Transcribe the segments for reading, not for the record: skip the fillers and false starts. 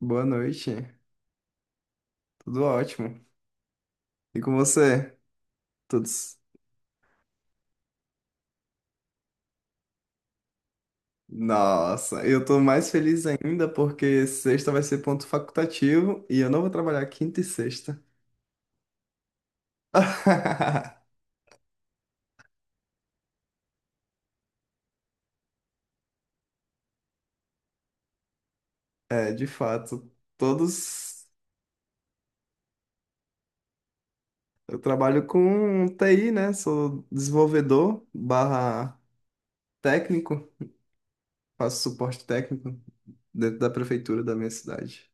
Boa noite. Tudo ótimo. E com você? Todos. Nossa, eu tô mais feliz ainda porque sexta vai ser ponto facultativo e eu não vou trabalhar quinta e sexta. É, de fato, todos. Eu trabalho com TI, né? Sou desenvolvedor barra técnico, faço suporte técnico dentro da prefeitura da minha cidade.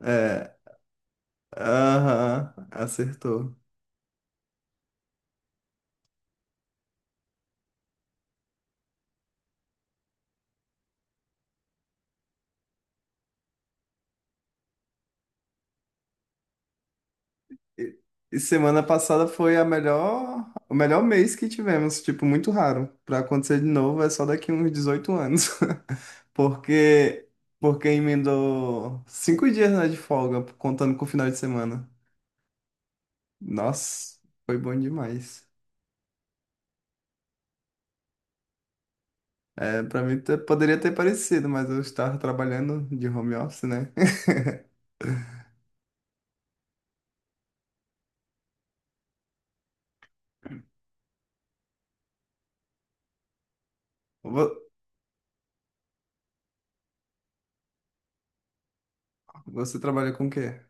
É, aham, acertou. E e semana passada foi o melhor mês que tivemos, tipo, muito raro. Pra acontecer de novo é só daqui uns 18 anos. Porque porque emendou 5 dias, né, de folga, contando com o final de semana. Nossa, foi bom demais. É, para mim poderia ter parecido, mas eu estava trabalhando de home office, né? Vo- Você trabalha com o quê?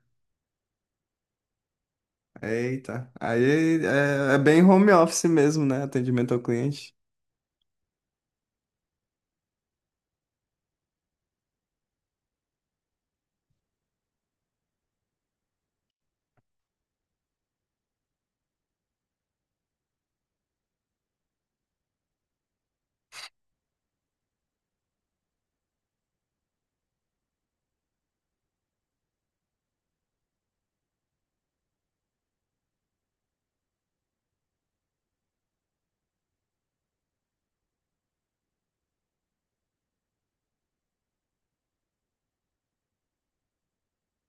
Eita, aí é, é bem home office mesmo, né? Atendimento ao cliente.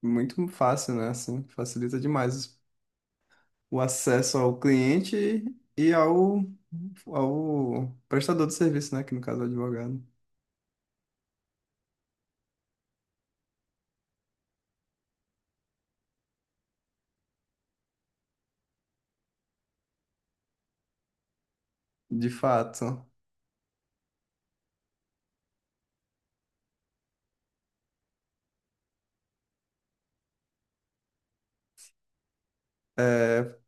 Muito fácil, né? Assim, facilita demais o acesso ao cliente e ao, ao prestador de serviço, né? Que no caso é o advogado. De fato. É,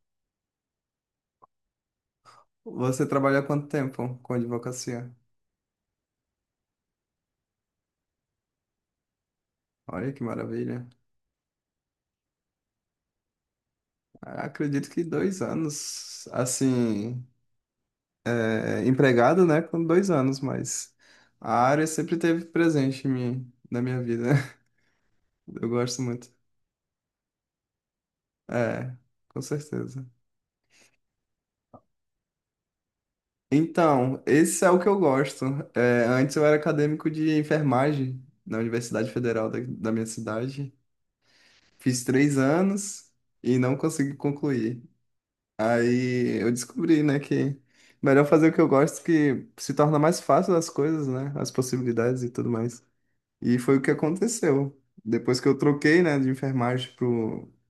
você trabalha há quanto tempo com advocacia? Olha que maravilha. Acredito que 2 anos, assim, é, empregado, né? Com 2 anos, mas a área sempre teve presente em mim, na minha vida. Eu gosto muito. É, com certeza. Então, esse é o que eu gosto. É, antes eu era acadêmico de enfermagem na Universidade Federal da minha cidade. Fiz 3 anos e não consegui concluir. Aí eu descobri, né, que melhor fazer o que eu gosto, que se torna mais fácil as coisas, né, as possibilidades e tudo mais. E foi o que aconteceu. Depois que eu troquei, né, de enfermagem para o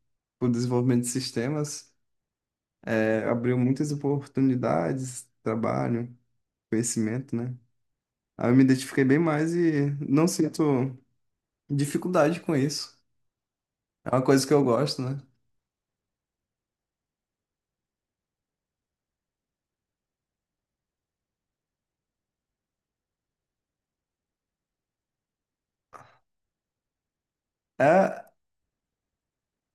desenvolvimento de sistemas, é, abriu muitas oportunidades, trabalho, conhecimento, né? Aí eu me identifiquei bem mais e não sinto dificuldade com isso. É uma coisa que eu gosto, né? É,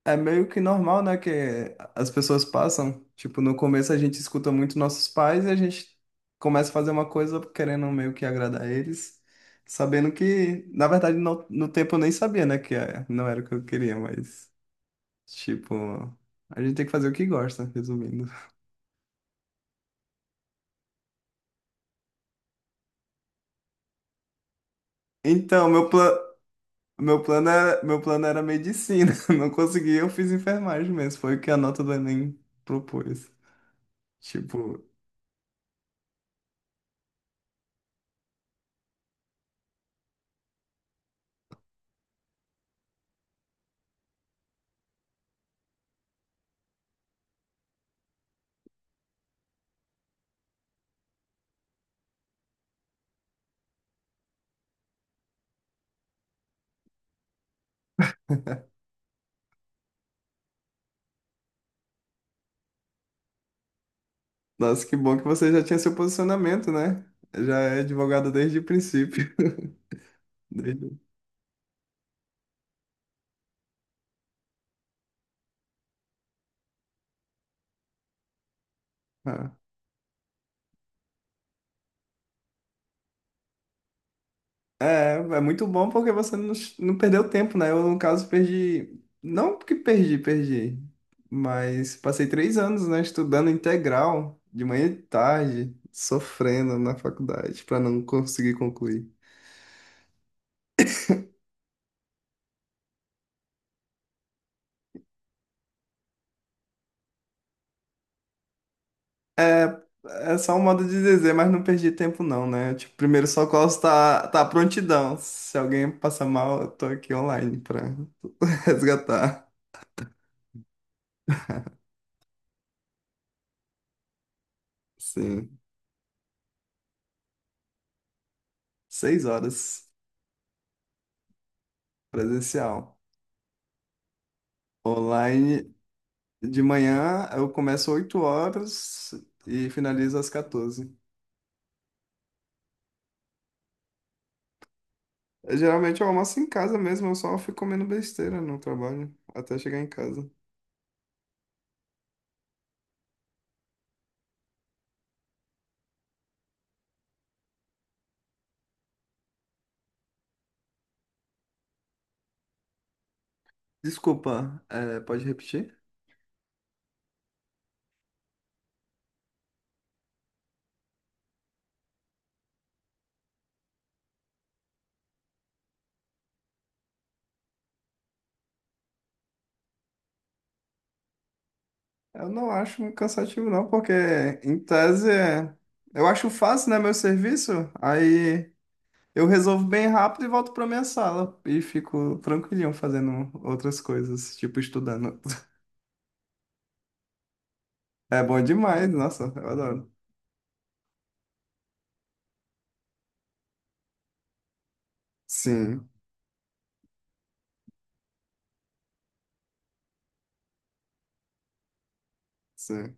é meio que normal, né? Que as pessoas passam. Tipo, no começo a gente escuta muito nossos pais e a gente começa a fazer uma coisa querendo meio que agradar eles, sabendo que, na verdade, no tempo eu nem sabia, né? Que não era o que eu queria, mas, tipo, a gente tem que fazer o que gosta, resumindo. Então, meu plano. Meu plano era medicina. Não consegui, eu fiz enfermagem mesmo. Foi o que a nota do Enem propôs. Tipo, nossa, que bom que você já tinha seu posicionamento, né? Já é advogado desde o princípio. Desde- Ah. É, é muito bom porque você não perdeu tempo, né? Eu, no caso, perdi. Não que perdi, perdi. Mas passei 3 anos, né, estudando integral, de manhã e tarde, sofrendo na faculdade, para não conseguir concluir. É, é só um modo de dizer, mas não perdi tempo não, né? Tipo, primeiro socorro tá à prontidão. Se alguém passar mal, eu tô aqui online pra resgatar. Sim. 6 horas presencial. Online de manhã eu começo 8 horas e finalizo às 14. Eu, geralmente eu almoço em casa mesmo, eu só fico comendo besteira no trabalho até chegar em casa. Desculpa, é, pode repetir? Eu não acho muito cansativo, não, porque em tese eu acho fácil, né, meu serviço. Aí eu resolvo bem rápido e volto pra minha sala e fico tranquilinho fazendo outras coisas, tipo estudando. É bom demais, nossa, eu adoro. Sim, sim.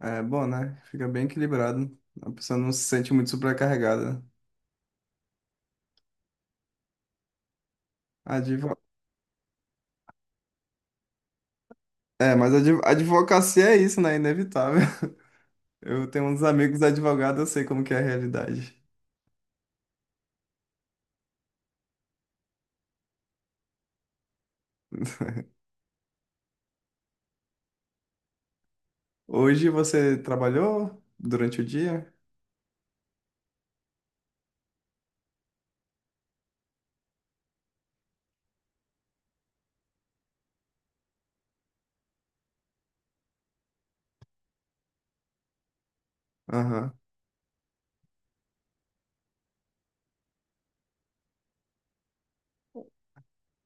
É bom, né? Fica bem equilibrado. A pessoa não se sente muito sobrecarregada. Advo... É, mas advocacia é isso, né? Inevitável. Eu tenho uns amigos advogados, eu sei como que é a realidade. Hoje você trabalhou durante o dia? Aham.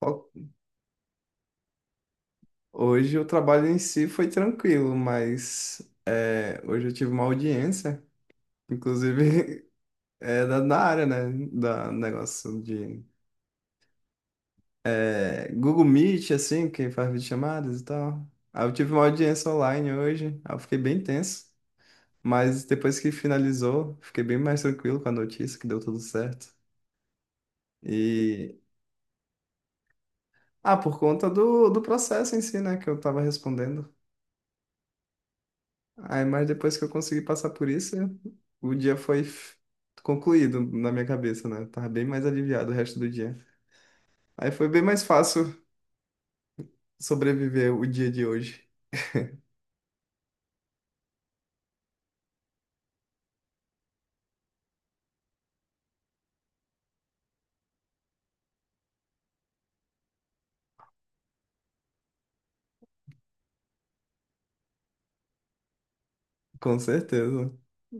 Ó, hoje o trabalho em si foi tranquilo, mas é, hoje eu tive uma audiência, inclusive é da área, né? Da negócio de é, Google Meet, assim, que faz videochamadas e tal. Aí eu tive uma audiência online hoje, aí eu fiquei bem tenso, mas depois que finalizou, fiquei bem mais tranquilo com a notícia que deu tudo certo. E. Ah, por conta do processo em si, né? Que eu tava respondendo. Aí, mas depois que eu consegui passar por isso, o dia foi concluído na minha cabeça, né? Eu tava bem mais aliviado o resto do dia. Aí foi bem mais fácil sobreviver o dia de hoje, com certeza.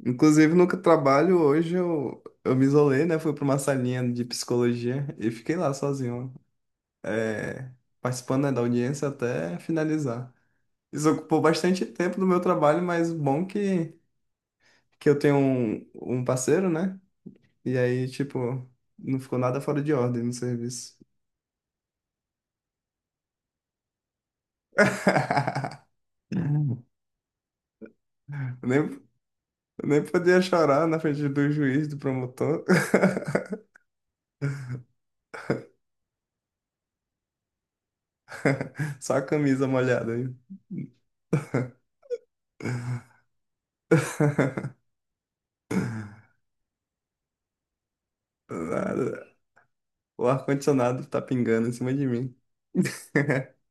Inclusive, no trabalho hoje eu me isolei, né? Fui para uma salinha de psicologia e fiquei lá sozinho, é, participando, né, da audiência até finalizar. Isso ocupou bastante tempo do meu trabalho, mas bom que eu tenho um, parceiro, né? E aí, tipo, não ficou nada fora de ordem no serviço. Eu Nem, eu nem podia chorar na frente do juiz, do promotor. Só a camisa molhada aí. Nada. O ar-condicionado tá pingando em cima de mim.